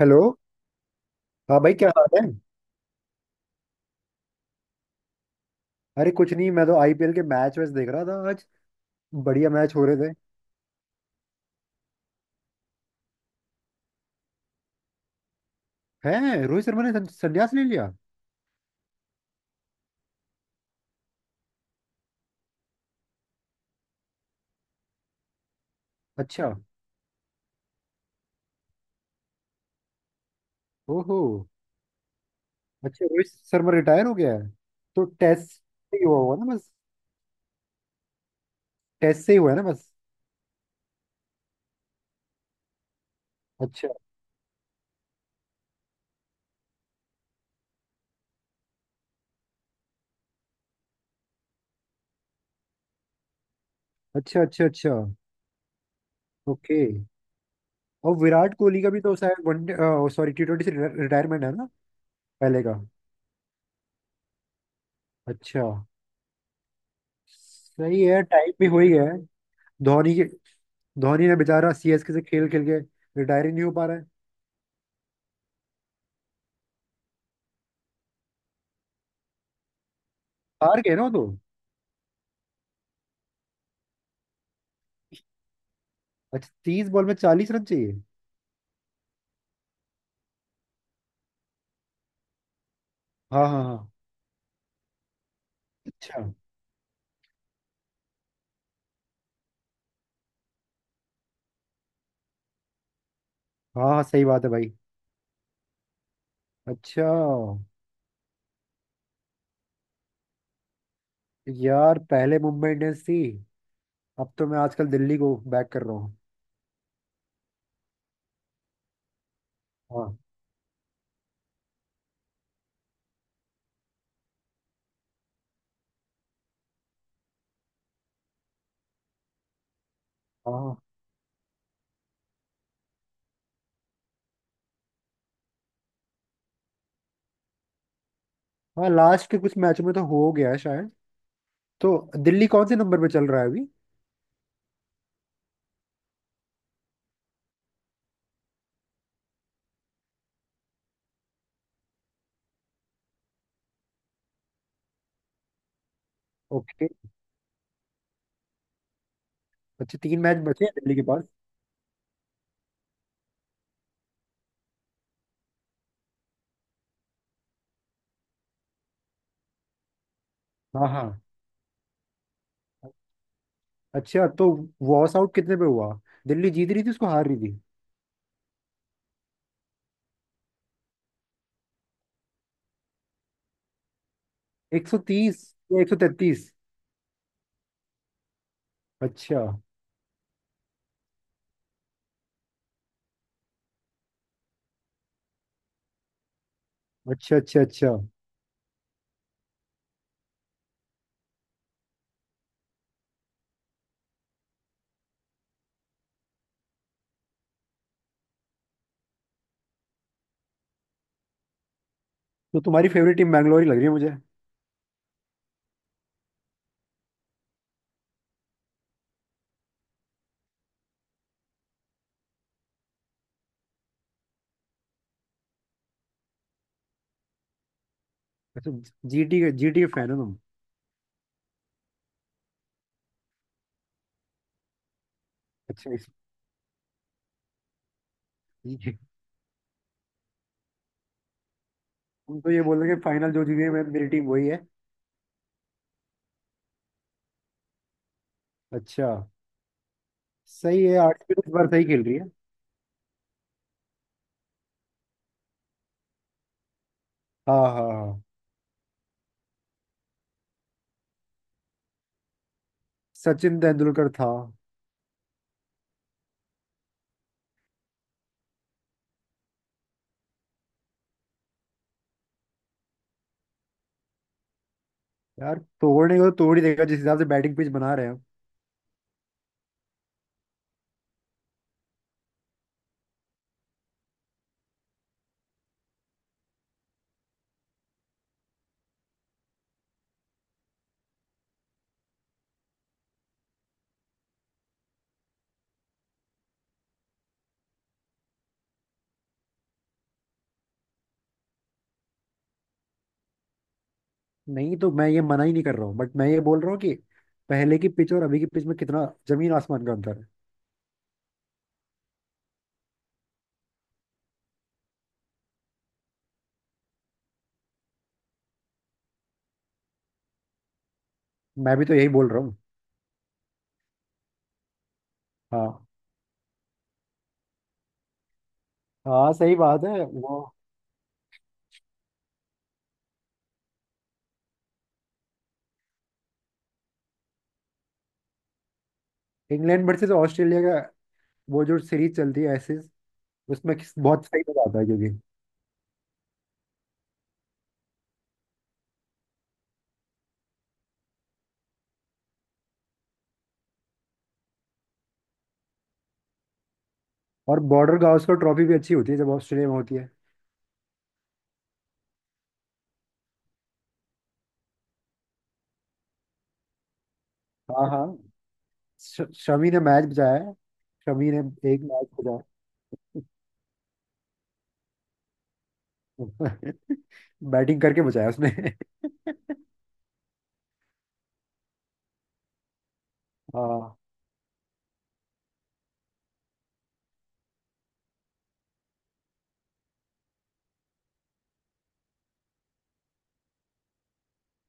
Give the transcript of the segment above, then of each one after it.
Hello. हाँ भाई, क्या हाल है? अरे कुछ नहीं, मैं तो आईपीएल के मैच वैच देख रहा था आज। बढ़िया मैच हो रहे थे। हैं, रोहित शर्मा ने संन्यास ले लिया? अच्छा। ओहो। अच्छा, रोहित शर्मा रिटायर हो गया है। तो टेस्ट से ही हुआ हुआ ना बस? टेस्ट से ही हुआ है ना बस? अच्छा अच्छा अच्छा। अच्छा। ओके। और विराट कोहली का भी तो शायद वनडे सॉरी T20 से रिटायरमेंट है ना? पहले का। अच्छा। सही है, टाइम भी हो ही गया है। धोनी के। धोनी ने बेचारा सीएसके से खेल खेल के रिटायर ही नहीं हो पा रहा है। हार गए ना वो तो? अच्छा, 30 बॉल में 40 रन चाहिए। हाँ हाँ हाँ। अच्छा। हाँ हाँ, सही बात है भाई। अच्छा। यार, पहले मुंबई इंडियंस थी। अब तो मैं आजकल दिल्ली को बैक कर रहा हूँ। हाँ हाँ हाँ। लास्ट के कुछ मैचों में तो हो गया है शायद। तो दिल्ली कौन से नंबर पे चल रहा है अभी? ओके। अच्छा, 3 मैच बचे हैं दिल्ली के पास। हाँ हाँ। अच्छा। तो वॉश आउट कितने पे हुआ? दिल्ली जीत रही थी उसको हार रही थी? 130 या 133? अच्छा अच्छा अच्छा। अच्छा, तो तुम्हारी फेवरेट टीम बैंगलोर ही लग रही है मुझे। अच्छा। जीटी के, जीटी के फैन हो तुम? अच्छा जी। तुम तो ये बोल रहे हो कि फाइनल जो जीती है मेरी टीम वही है। अच्छा। सही है, आरसीबी इस बार सही खेल रही है। हाँ हाँ हाँ। सचिन तेंदुलकर था। यार, तोड़ने को तो तोड़ ही देगा जिस हिसाब से बैटिंग पिच बना रहे हैं। नहीं, तो मैं ये मना ही नहीं कर रहा हूँ, बट मैं ये बोल रहा हूँ कि पहले की पिच और अभी की पिच में कितना जमीन आसमान का अंतर है। मैं भी तो यही बोल रहा हूँ। हाँ हाँ, सही बात है वो। इंग्लैंड वर्सेस ऑस्ट्रेलिया का वो जो सीरीज चलती है उसमें बहुत सही मजा आता है क्योंकि और बॉर्डर गावस्कर ट्रॉफी भी अच्छी होती है जब ऑस्ट्रेलिया में होती है। हाँ हाँ। शमी ने मैच बचाया है। शमी ने एक मैच बचाया। बैटिंग करके बचाया उसने। हाँ,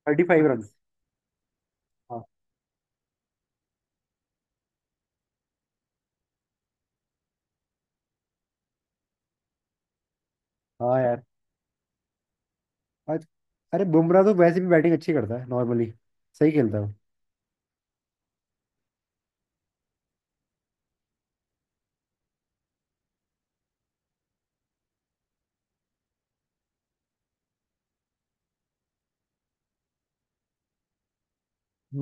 35 रन। हाँ हाँ। यार आज। अरे बुमराह तो वैसे भी बैटिंग अच्छी करता है नॉर्मली। सही खेलता है वो।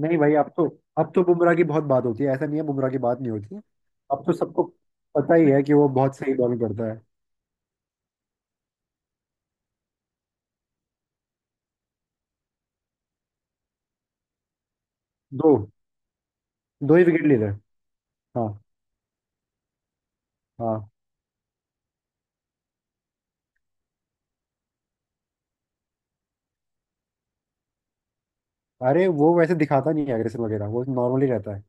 नहीं भाई, अब तो बुमराह की बहुत बात होती है, ऐसा नहीं है बुमराह की बात नहीं होती है। अब तो सबको पता ही है कि वो बहुत सही बॉलिंग करता है। दो। 2 ही विकेट ले रहे हैं। हाँ हाँ। अरे वो वैसे दिखाता नहीं है एग्रेशन वगैरह, वो नॉर्मली रहता है।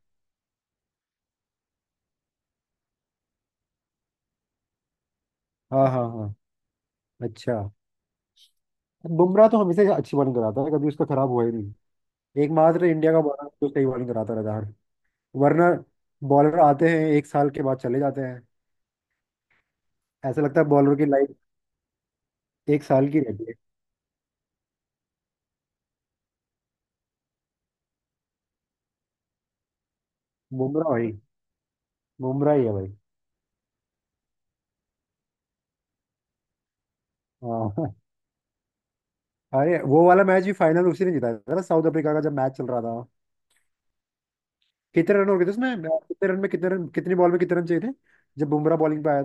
हाँ हाँ हाँ। अच्छा। बुमराह तो हमेशा अच्छी बॉलिंग कराता है, कभी उसका खराब हुआ ही नहीं। एकमात्र इंडिया का बॉलर जो सही बॉलिंग कराता रहता है। वरना बॉलर आते हैं, एक साल के बाद चले जाते हैं। ऐसा लगता है बॉलर की लाइफ एक साल की रहती है। बुमराह भाई। बुमराह ही है भाई। हाँ। अरे वो वाला मैच भी फाइनल उसी ने जिताया था ना, साउथ अफ्रीका का, जब मैच चल रहा था कितने रन हो गए थे उसमें, कितने रन में, कितने रन, कितनी बॉल में कितने रन चाहिए थे जब बुमराह बॉलिंग पे आया।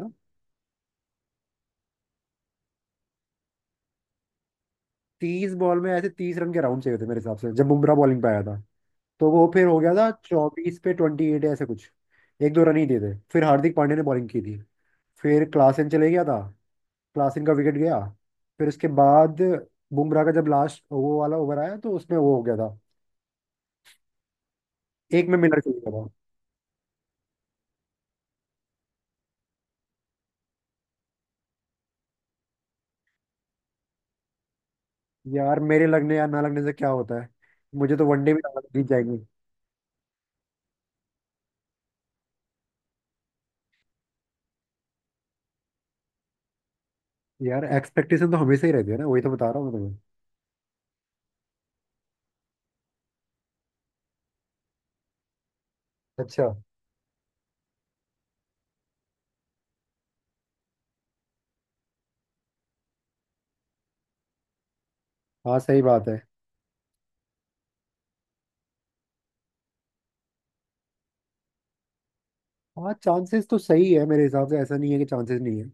30 बॉल में ऐसे 30 रन के राउंड चाहिए थे मेरे हिसाब से जब बुमराह बॉलिंग पे आया था। तो वो फिर हो गया था 24 पे 28, ऐसे कुछ। एक दो रन ही दिए थे, फिर हार्दिक पांड्या ने बॉलिंग की थी। फिर क्लासेन चले गया था। क्लासेन का विकेट गया। फिर उसके बाद बुमराह का जब लास्ट वो वाला ओवर आया तो उसमें वो हो गया था। एक में मिलर चले गया था। यार, मेरे लगने या ना लगने से क्या होता है? मुझे तो वनडे भी लगा था जीत जाएंगे। यार, एक्सपेक्टेशन तो हमेशा ही रहती है ना, वही तो बता रहा हूँ मैं तुम्हें। अच्छा। हाँ सही बात है। हाँ, चांसेस तो सही है मेरे हिसाब से, ऐसा नहीं है कि चांसेस नहीं है।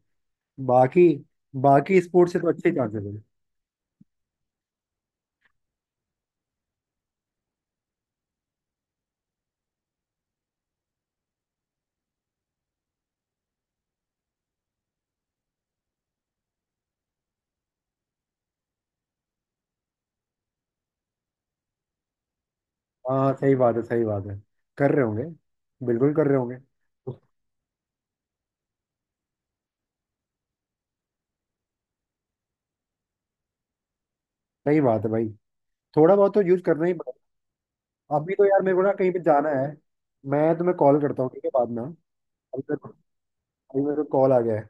बाकी बाकी स्पोर्ट्स से तो अच्छे चांसेस हैं। हाँ सही बात है, सही बात है, कर रहे होंगे। बिल्कुल कर रहे होंगे। सही बात है भाई, थोड़ा बहुत तो यूज करना ही पड़ेगा। अभी तो यार मेरे को ना कहीं पे जाना है, मैं तुम्हें कॉल करता हूँ, ठीक है बाद में हाँ? अभी मेरे को अभी मेरे को कॉल आ गया।